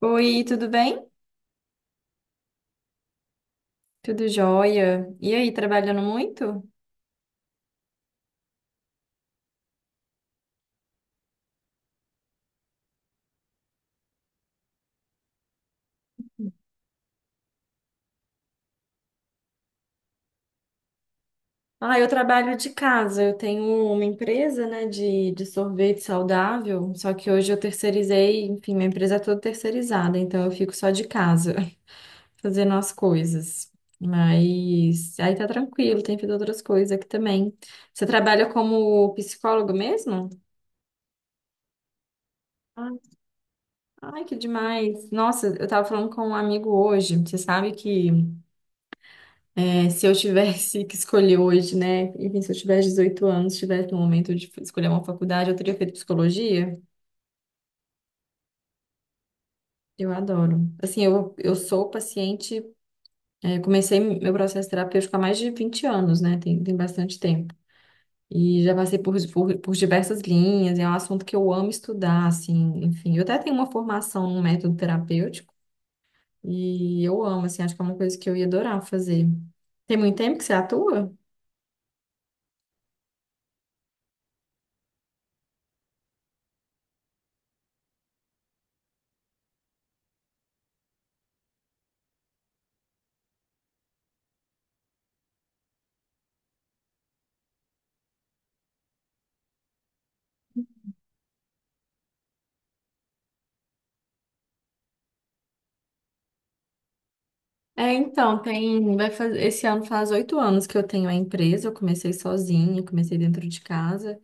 Oi, tudo bem? Tudo jóia? E aí, trabalhando muito? Ah, eu trabalho de casa. Eu tenho uma empresa, né, de sorvete saudável. Só que hoje eu terceirizei, enfim, minha empresa é toda terceirizada, então eu fico só de casa, fazendo as coisas. Mas aí tá tranquilo, tem feito outras coisas aqui também. Você trabalha como psicólogo mesmo? Ah, ai, que demais. Nossa, eu tava falando com um amigo hoje. Você sabe que. É, se eu tivesse que escolher hoje, né? Enfim, se eu tivesse 18 anos, tivesse no momento de escolher uma faculdade, eu teria feito psicologia. Eu adoro. Assim, eu sou paciente, é, comecei meu processo terapêutico há mais de 20 anos, né? Tem bastante tempo. E já passei por diversas linhas, é um assunto que eu amo estudar, assim, enfim. Eu até tenho uma formação num método terapêutico, e eu amo, assim, acho que é uma coisa que eu ia adorar fazer. Tem muito tempo que você atua? É, então, tem, vai fazer, esse ano faz 8 anos que eu tenho a empresa, eu comecei sozinha, comecei dentro de casa.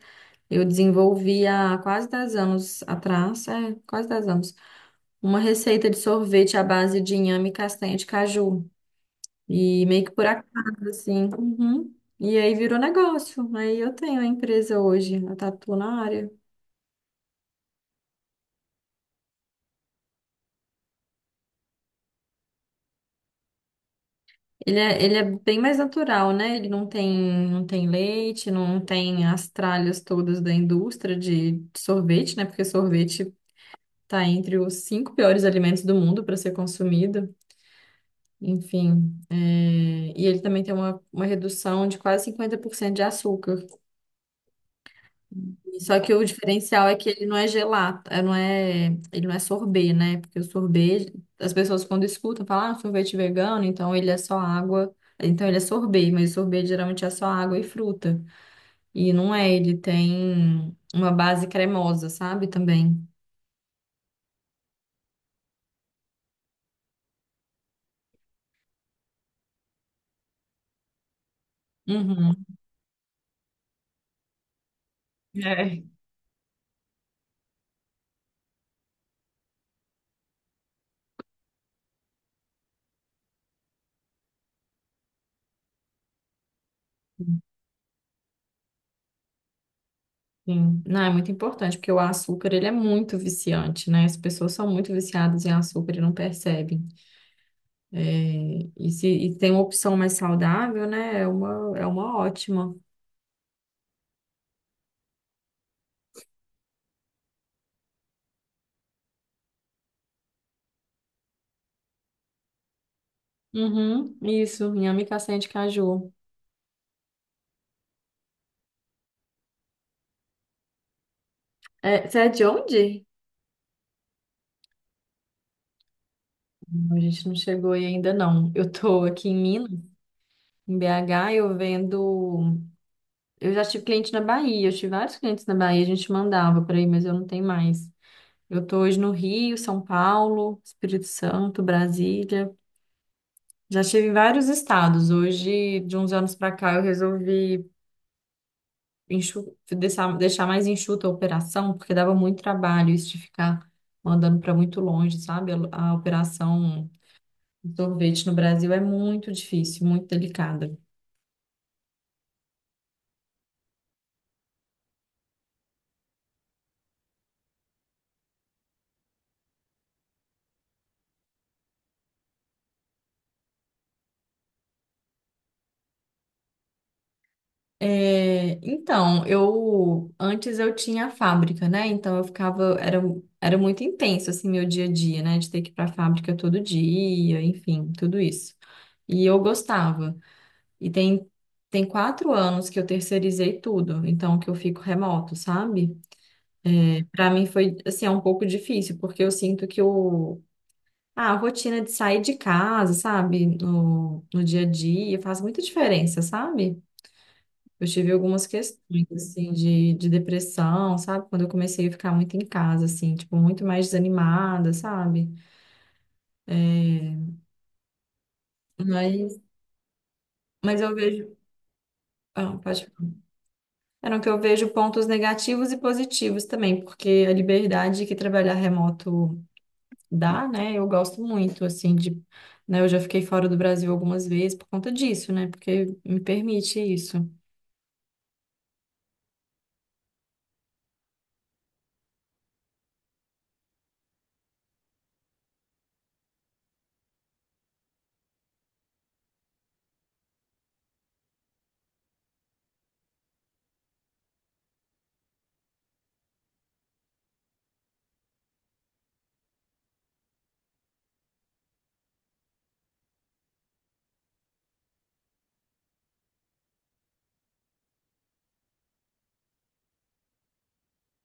Eu desenvolvi há quase 10 anos atrás, é, quase 10 anos, uma receita de sorvete à base de inhame e castanha de caju. E meio que por acaso, assim. Uhum. E aí virou negócio. Aí eu tenho a empresa hoje, eu tatuo na área. Ele é bem mais natural, né? Ele não tem, não tem leite, não tem as tralhas todas da indústria de sorvete, né? Porque sorvete tá entre os 5 piores alimentos do mundo para ser consumido. Enfim, é, e ele também tem uma redução de quase 50% de açúcar. Só que o diferencial é que ele não é gelato, é, não é, ele não é sorbet, né? Porque o sorbet, as pessoas quando escutam, falam, ah, sorvete vegano, então ele é só água, então ele é sorbet, mas o sorbet geralmente é só água e fruta. E não é, ele tem uma base cremosa, sabe? Também. Uhum. É. Sim. Não, é muito importante, porque o açúcar, ele é muito viciante, né? As pessoas são muito viciadas em açúcar e não percebem. É, e se e tem uma opção mais saudável, né? É uma ótima. Uhum, isso, inhame castanha de caju. É, você é de onde? Não, a gente não chegou aí ainda não. Eu tô aqui em Minas, em BH, eu vendo. Eu já tive cliente na Bahia, eu tive vários clientes na Bahia, a gente mandava por aí, mas eu não tenho mais. Eu tô hoje no Rio, São Paulo, Espírito Santo, Brasília. Já estive em vários estados. Hoje, de uns anos pra cá, eu resolvi deixar, deixar mais enxuta a operação, porque dava muito trabalho isso de ficar mandando para muito longe, sabe? A operação de sorvete no Brasil é muito difícil, muito delicada. É, então, eu antes eu tinha a fábrica, né? Então eu ficava, era, era muito intenso assim meu dia a dia, né? De ter que ir para a fábrica todo dia, enfim, tudo isso. E eu gostava. E tem, tem 4 anos que eu terceirizei tudo, então que eu fico remoto, sabe? Para mim foi, assim, é um pouco difícil, porque eu sinto que o, ah, a rotina de sair de casa, sabe, no dia a dia, faz muita diferença, sabe? Eu tive algumas questões, assim, de depressão, sabe? Quando eu comecei a ficar muito em casa, assim, tipo, muito mais desanimada, sabe? Mas, mas eu vejo, ah, pode falar. Era que eu vejo pontos negativos e positivos também, porque a liberdade que trabalhar remoto dá, né? Eu gosto muito, assim, de, né? Eu já fiquei fora do Brasil algumas vezes por conta disso, né? Porque me permite isso.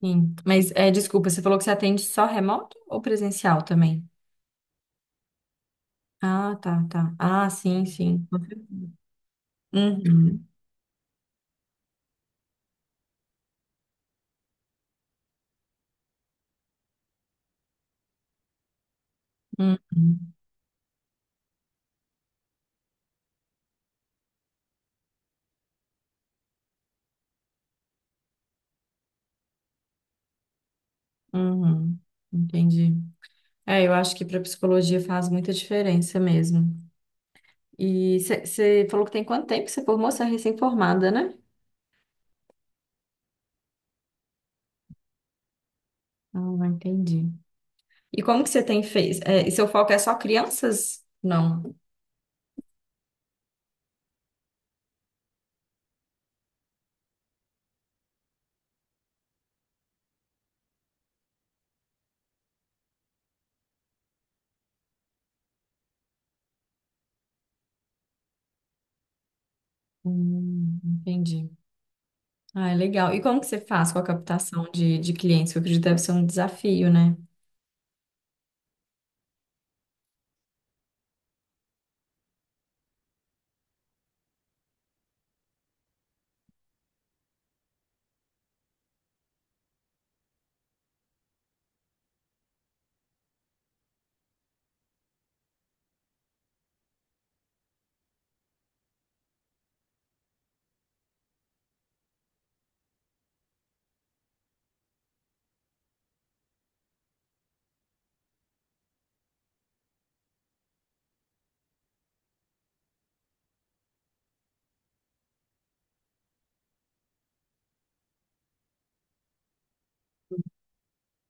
Sim. Mas, é, desculpa, você falou que você atende só remoto ou presencial também? Ah, tá, tá. Ah, sim, sim. Uhum, uhum, uhum. Entendi. É, eu acho que para psicologia faz muita diferença mesmo. E você falou que tem quanto tempo que você formou? Você é recém-formada, né? Ah, entendi. E como que você tem feito? É, e seu foco é só crianças? Não. Entendi. Ah, é legal. E como que você faz com a captação de clientes? Eu acredito que deve ser um desafio, né?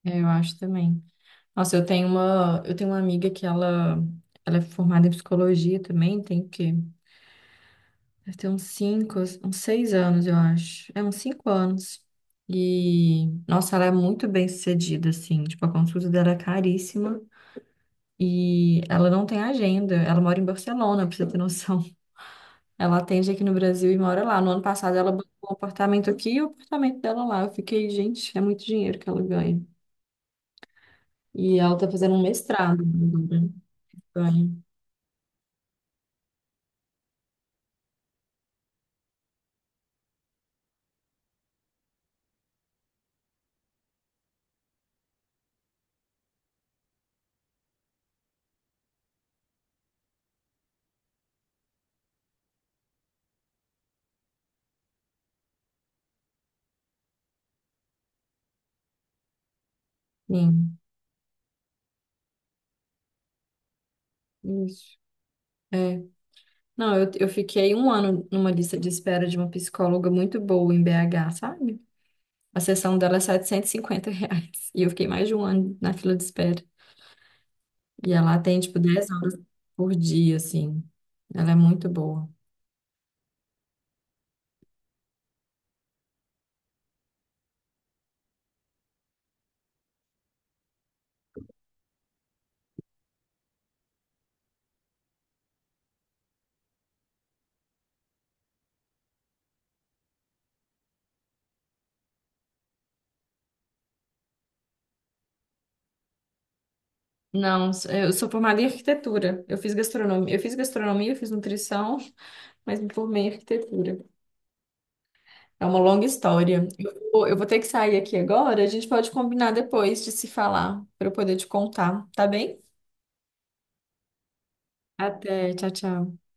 É, eu acho também. Nossa, eu tenho uma amiga que ela é formada em psicologia também, tem o quê? Deve ter uns cinco, uns seis anos, eu acho. É, uns cinco anos. E, nossa, ela é muito bem sucedida, assim. Tipo, a consulta dela é caríssima e ela não tem agenda. Ela mora em Barcelona, pra você ter noção. Ela atende aqui no Brasil e mora lá. No ano passado ela bancou um apartamento aqui e o apartamento dela lá. Eu fiquei, gente, é muito dinheiro que ela ganha. E ela tá fazendo um mestrado agora. Ganha. Sim, isso. É. Não, eu fiquei um ano numa lista de espera de uma psicóloga muito boa em BH, sabe? A sessão dela é R$ 750. E eu fiquei mais de um ano na fila de espera. E ela atende, tipo, 10 horas por dia, assim. Ela é muito boa. Não, eu sou formada em arquitetura. Eu fiz gastronomia, eu fiz gastronomia, eu fiz nutrição, mas me formei em arquitetura. É uma longa história. Eu vou ter que sair aqui agora. A gente pode combinar depois de se falar, para eu poder te contar, tá bem? Até, tchau, tchau.